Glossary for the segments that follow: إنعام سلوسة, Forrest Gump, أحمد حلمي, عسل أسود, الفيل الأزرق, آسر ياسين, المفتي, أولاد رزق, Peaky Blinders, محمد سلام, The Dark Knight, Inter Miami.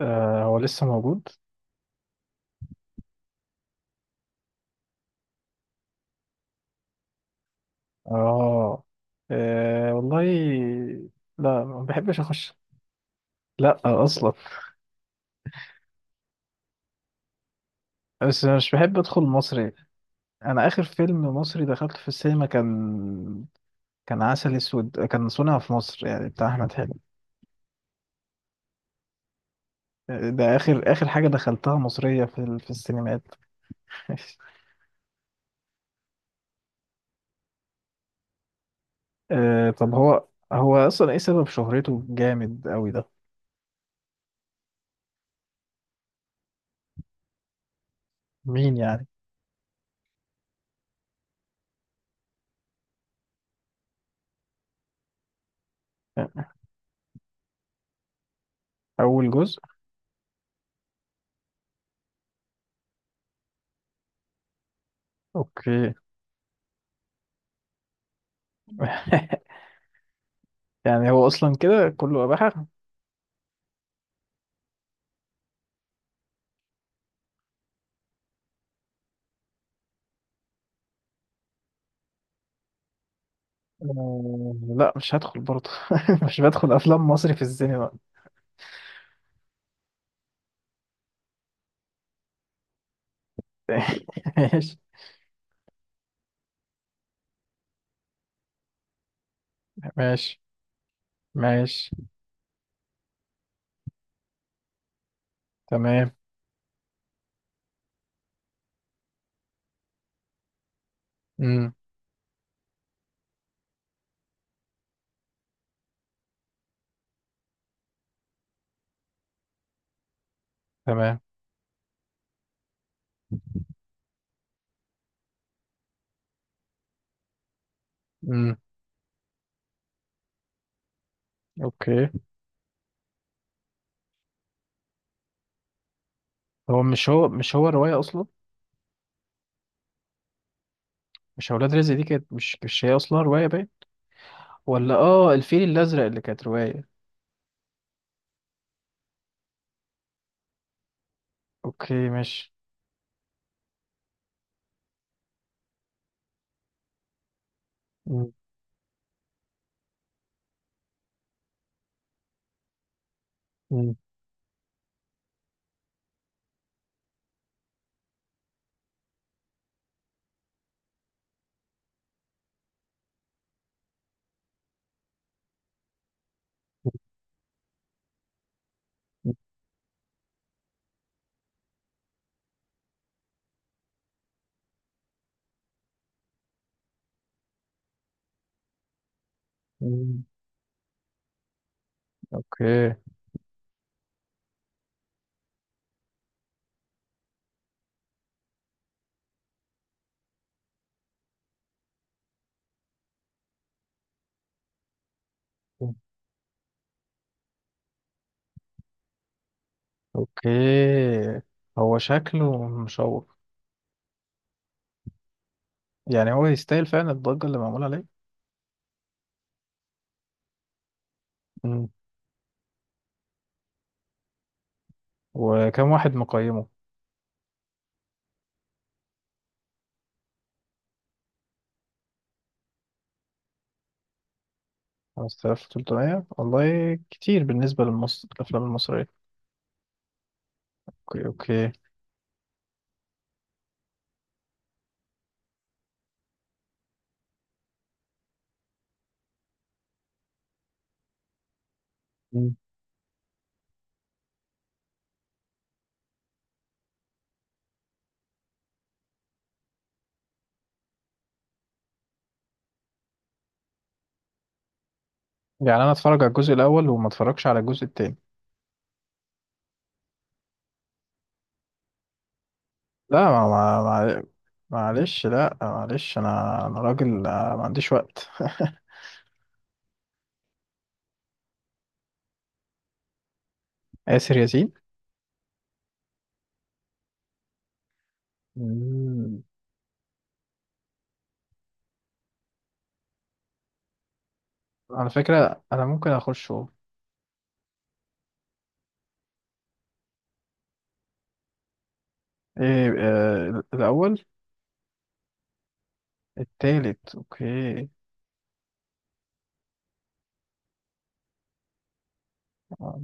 آه، هو لسه موجود؟ اه. آه، والله. لا، ما بحبش اخش. لا اصلا. بس أنا مش بحب ادخل مصري. انا اخر فيلم مصري دخلته في السينما كان عسل اسود، كان صنع في مصر، يعني بتاع احمد حلمي. آه، ده اخر اخر حاجه دخلتها مصريه في السينمات. آه، طب هو اصلا ايه سبب شهرته جامد قوي ده؟ مين يعني؟ اول جزء. اوكي. يعني هو اصلا كده كله اباحه؟ آه، لا، مش هدخل برضه. مش بدخل افلام مصري في السينما. ماشي، ماشي، ماشي. تمام. امم. تمام. امم. اوكي. هو رواية اصلا؟ مش اولاد رزق دي كانت، مش هي اصلا رواية باين؟ ولا اه الفيل الازرق اللي كانت رواية؟ اوكي، ماشي. مم. مم. مم. مم. اوكي. اوكي. هو شكله مشوق. يعني هو يستاهل فعلا الضجة اللي معمولة عليه؟ مم. وكم واحد مقيمه؟ 5300 والله كتير بالنسبة للمصر الأفلام المصرية. أوكي، أوكي. مم. يعني أنا أتفرج على الجزء الأول وما أتفرجش على الجزء التاني؟ لا، معلش، لا، معلش. أنا راجل، ما عنديش وقت. آسر ياسين. مم. على فكرة أنا ممكن أخشه. إيه؟ الأول؟ التالت. أوكي. آه،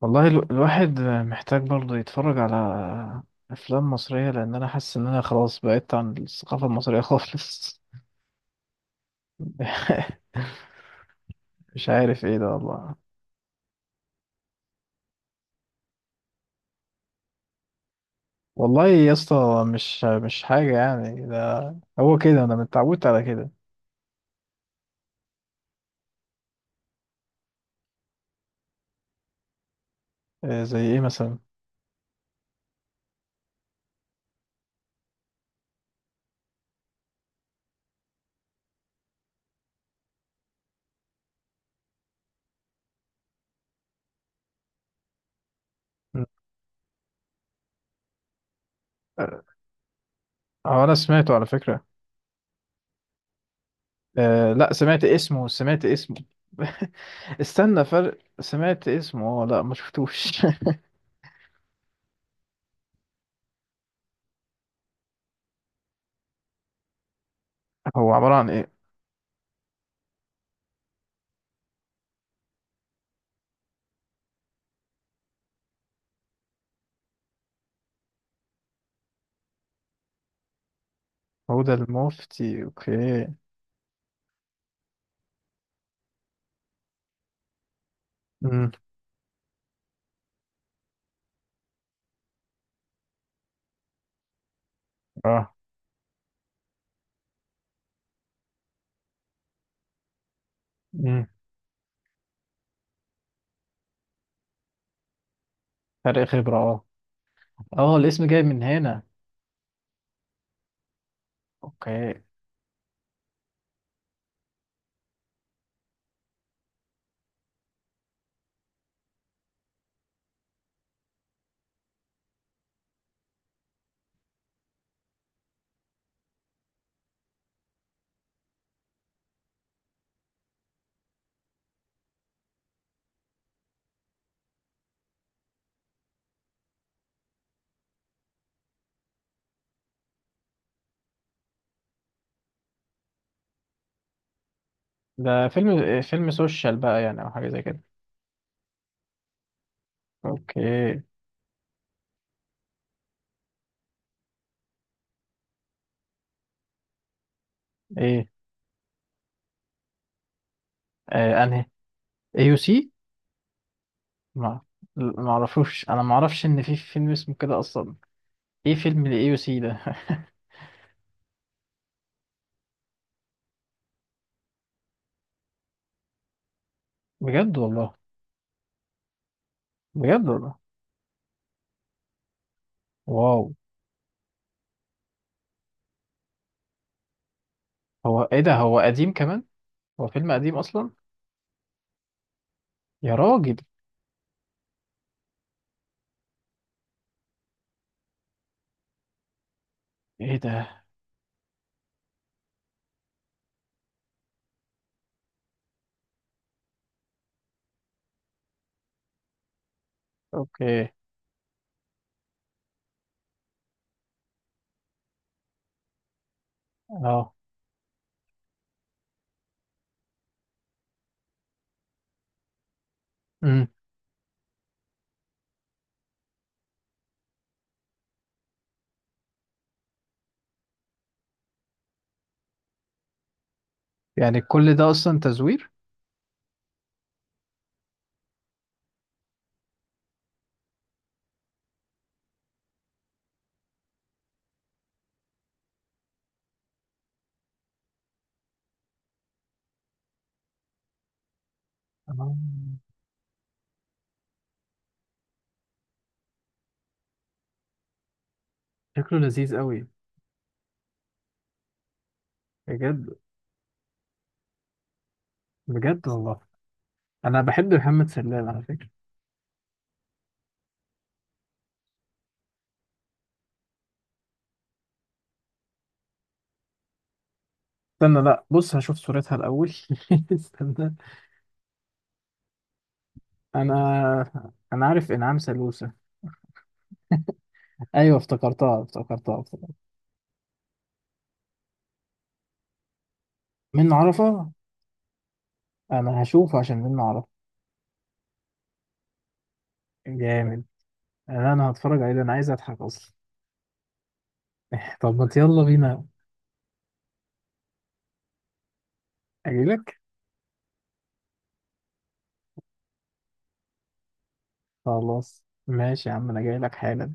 والله الواحد محتاج برضه يتفرج على أفلام مصرية، لأن أنا حاسس إن أنا خلاص بعدت عن الثقافة المصرية خالص. مش عارف إيه ده والله. والله يا اسطى، مش حاجة يعني ده. هو كده، أنا متعودت على كده. آه، زي إيه مثلا؟ م. آه، هو أنا سمعته على فكرة. آه، لا، سمعت اسمه، سمعت اسمه. استنى، فرق، سمعت اسمه، اه لا ما شفتوش. هو عبارة عن إيه؟ هدى المفتي، أوكي. امم. اه، فرق خبرة، اه، اه، الاسم جاي من هنا. اوكي. ده فيلم سوشيال بقى، يعني، او حاجة زي كده؟ اوكي. ايه؟ انهي؟ اي يو سي. ما ما اعرفوش، انا ما اعرفش ان في فيلم اسمه كده اصلا. ايه فيلم الاي يو سي ده؟ بجد والله. بجد والله. واو. هو ايه ده، هو قديم كمان؟ هو فيلم قديم اصلا؟ يا راجل. ايه ده. اوكي. اه. امم. يعني كل ده اصلا تزوير؟ آه. شكله لذيذ قوي. بجد. بجد والله. انا بحب محمد سلام على فكره. استنى، لا، بص هشوف صورتها الاول. استنى. انا عارف انعام سلوسة. ايوه، افتكرتها، افتكرتها، افتكرتها. من عرفه؟ انا هشوفه عشان من عرفه. جامد. انا هتفرج عليه ده، انا عايز اضحك اصلا. طب ما يلا بينا. اجيلك. خلاص ماشي يا عم، انا جاي لك حالا.